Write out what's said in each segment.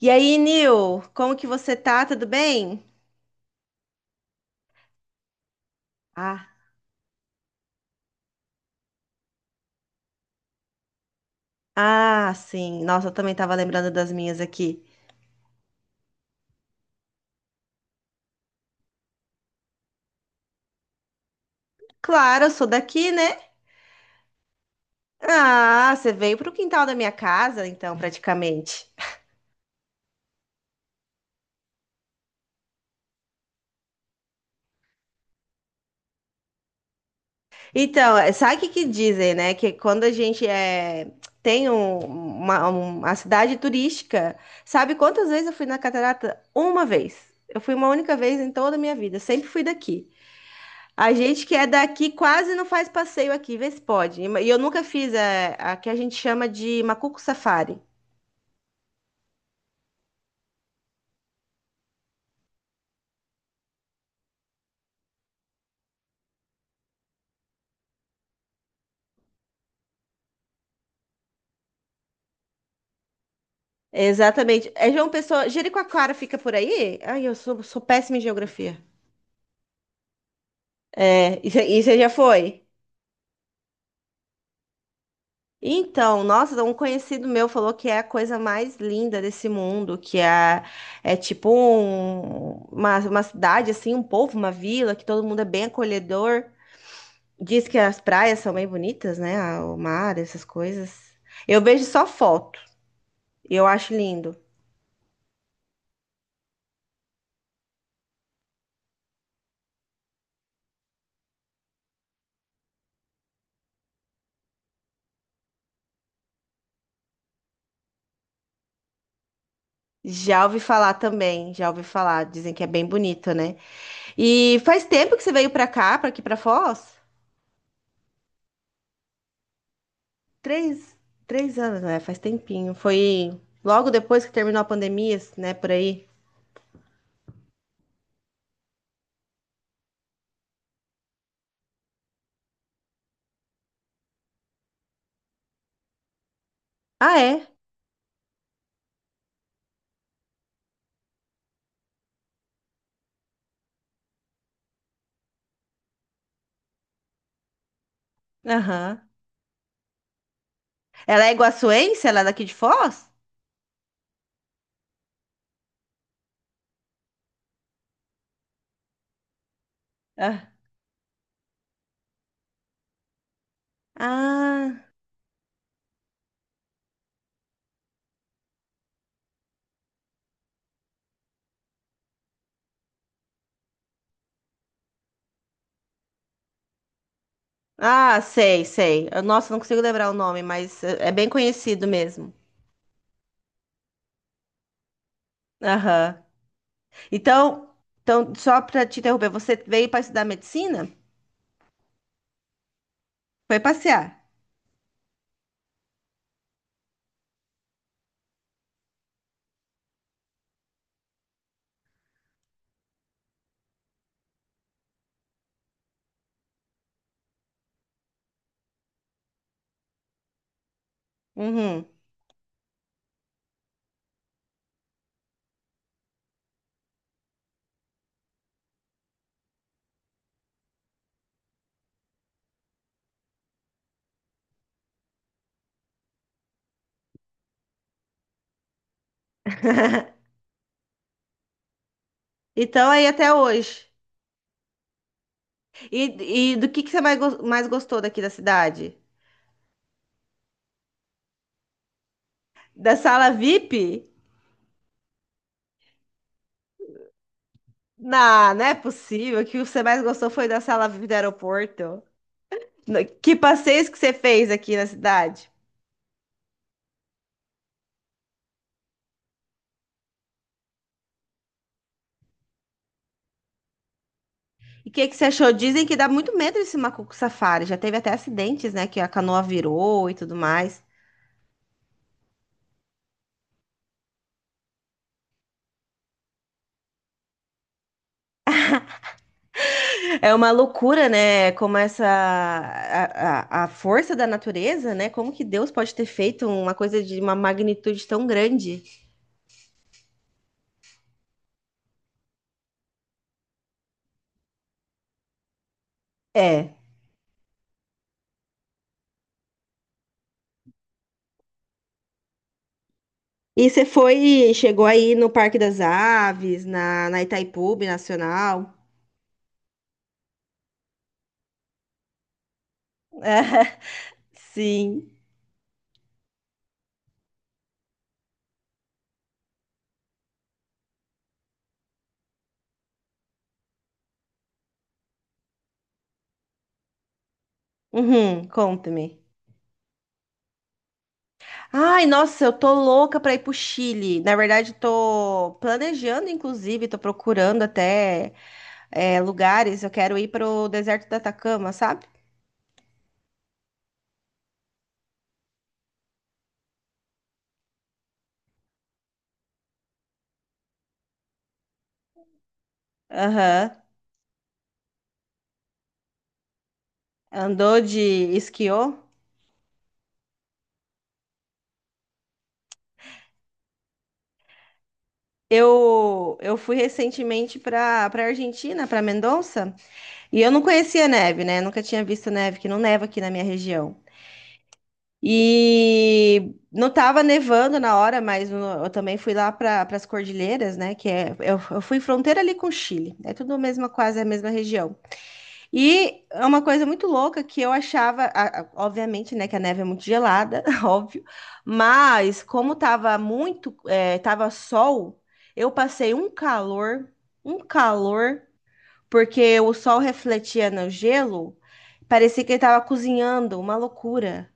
E aí, Nil, como que você tá? Tudo bem? Ah, sim. Nossa, eu também tava lembrando das minhas aqui. Claro, eu sou daqui, né? Ah, você veio pro quintal da minha casa, então, praticamente. Então, é, sabe o que que dizem, né? Que quando a gente é, tem uma cidade turística, sabe quantas vezes eu fui na Catarata? Uma vez. Eu fui uma única vez em toda a minha vida. Sempre fui daqui. A gente que é daqui quase não faz passeio aqui, vê se pode. E eu nunca fiz é, a, que a gente chama de Macuco Safari. Exatamente. É João Pessoa. Jericoacoara fica por aí? Ai, eu sou, sou péssima em geografia. É, e você já foi? Então, nossa, um conhecido meu falou que é a coisa mais linda desse mundo, que é, é tipo uma cidade, assim, um povo, uma vila, que todo mundo é bem acolhedor. Diz que as praias são bem bonitas, né? Ah, o mar, essas coisas. Eu vejo só foto. Eu acho lindo. Já ouvi falar também, já ouvi falar. Dizem que é bem bonito, né? E faz tempo que você veio pra cá, pra aqui pra Foz? Três, três anos, né? Faz tempinho. Foi logo depois que terminou a pandemia, né? Por aí. Ah, é? Aham. Ela é iguaçuense? Ela é daqui de Foz? Ah, ah, Ah, sei, sei. Eu- Nossa, não consigo lembrar o nome, mas é bem conhecido mesmo. Aham. Então, então, só para te interromper, você veio para estudar medicina? Foi passear. Uhum. Então, aí até hoje. E do que você mais, mais gostou daqui da cidade? Da sala VIP? Não, não é possível. O que você mais gostou foi da sala VIP do aeroporto. No- Que passeios que você fez aqui na cidade? E o que, que você achou? Dizem que dá muito medo esse macaco safari. Já teve até acidentes, né? Que a canoa virou e tudo mais. É uma loucura, né? Como essa a força da natureza, né? Como que Deus pode ter feito uma coisa de uma magnitude tão grande? É. E você foi, chegou aí no Parque das Aves, na, na Itaipu Nacional? Sim. Uhum, conta-me. Ai, nossa, eu tô louca pra ir pro Chile. Na verdade, tô planejando, inclusive, tô procurando até é, lugares. Eu quero ir pro deserto da Atacama, sabe? Aham. Andou de esquiô? Eu fui recentemente para Argentina, para Mendoza, e eu não conhecia neve, né? Nunca tinha visto neve, que não neva aqui na minha região. E não estava nevando na hora, mas no- eu também fui lá para as Cordilheiras, né? Que é, eu fui fronteira ali com o Chile, é tudo a mesma, quase a mesma região. E é uma coisa muito louca que eu achava, a- obviamente, né, que a neve é muito gelada, óbvio, mas como tava muito, tava sol, eu passei um calor, porque o sol refletia no gelo, parecia que ele tava cozinhando, uma loucura.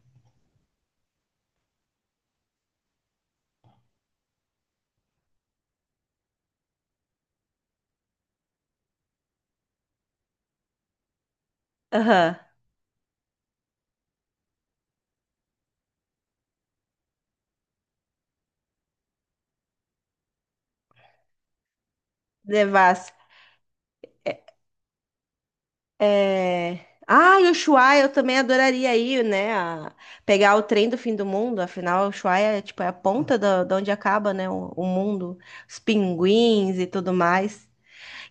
Aham, é... Ah, e Ushuaia, eu também adoraria ir, né? a- Pegar o trem do fim do mundo, afinal, Ushuaia, é, tipo, é a ponta da onde acaba, né? O mundo, os pinguins e tudo mais.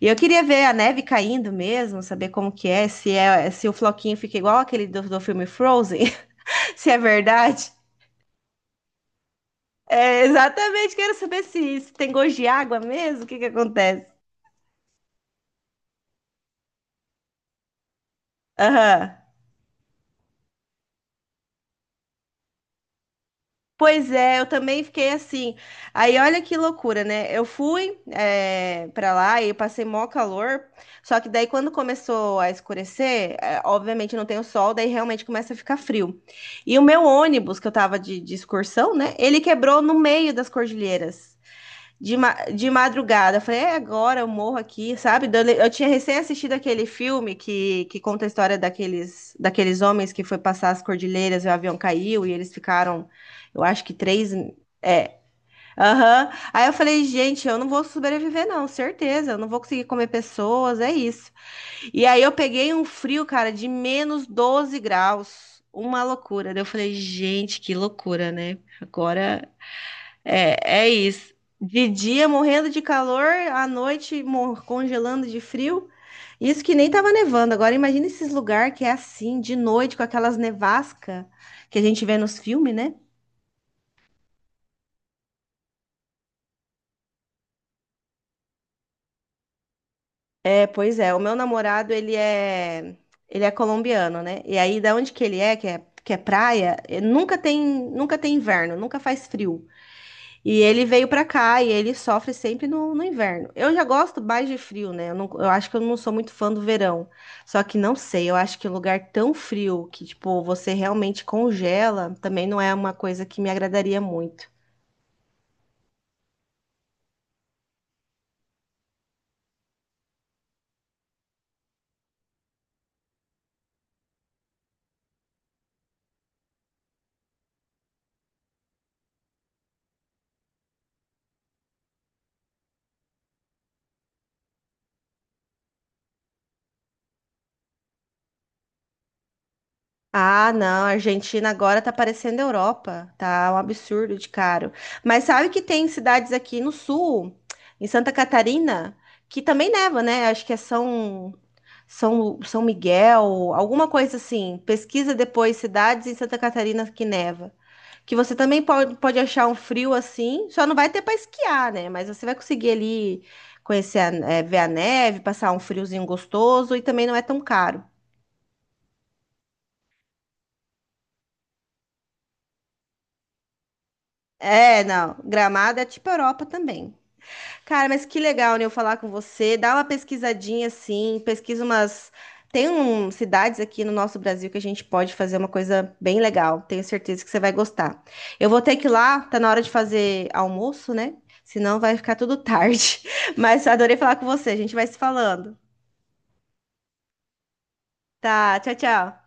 E eu queria ver a neve caindo mesmo, saber como que é, se o floquinho fica igual aquele do filme Frozen, se é verdade. É, exatamente, quero saber se tem gosto de água mesmo, o que que acontece. Aham. Pois é, eu também fiquei assim. Aí olha que loucura, né? Eu fui pra lá e passei mó calor. Só que daí quando começou a escurecer, obviamente não tem o sol, daí realmente começa a ficar frio. E o meu ônibus, que eu tava de excursão, né? Ele quebrou no meio das cordilheiras de, ma de madrugada. Eu falei, é agora, eu morro aqui, sabe? Dando- Eu tinha recém assistido aquele filme que conta a história daqueles homens que foi passar as cordilheiras e o avião caiu e eles ficaram, eu acho que três. É, aham. Aí eu falei, gente, eu não vou sobreviver, não, certeza, eu não vou conseguir comer pessoas, é isso. E aí eu peguei um frio, cara, de menos 12 graus, uma loucura. Daí eu falei, gente, que loucura, né? Agora é, é isso. De dia morrendo de calor, à noite mor- congelando de frio. Isso que nem tava nevando. Agora imagina esses lugares que é assim, de noite, com aquelas nevasca que a gente vê nos filmes, né? É, pois é. O meu namorado, ele é colombiano, né? E aí, da onde que ele é, que é, que é praia, nunca tem, nunca tem inverno, nunca faz frio. E ele veio pra cá e ele sofre sempre no, no inverno. Eu já gosto mais de frio, né? Eu, não- eu acho que eu não sou muito fã do verão. Só que não sei, eu acho que lugar tão frio que, tipo, você realmente congela também não é uma coisa que me agradaria muito. Ah, não, a Argentina agora tá parecendo a Europa, tá um absurdo de caro. Mas sabe que tem cidades aqui no sul, em Santa Catarina, que também neva, né? Acho que é São, São, São Miguel, alguma coisa assim. Pesquisa depois cidades em Santa Catarina que neva. Que você também pode, pode achar um frio assim, só não vai ter para esquiar, né? Mas você vai conseguir ali conhecer, a- eh, ver a neve, passar um friozinho gostoso e também não é tão caro. É, não. Gramado é tipo Europa também. Cara, mas que legal, né, eu falar com você. Dá uma pesquisadinha assim, pesquisa umas. Tem um, cidades aqui no nosso Brasil que a gente pode fazer uma coisa bem legal. Tenho certeza que você vai gostar. Eu vou ter que ir lá, tá na hora de fazer almoço, né? Senão vai ficar tudo tarde. Mas adorei falar com você. A gente vai se falando. Tá, tchau, tchau.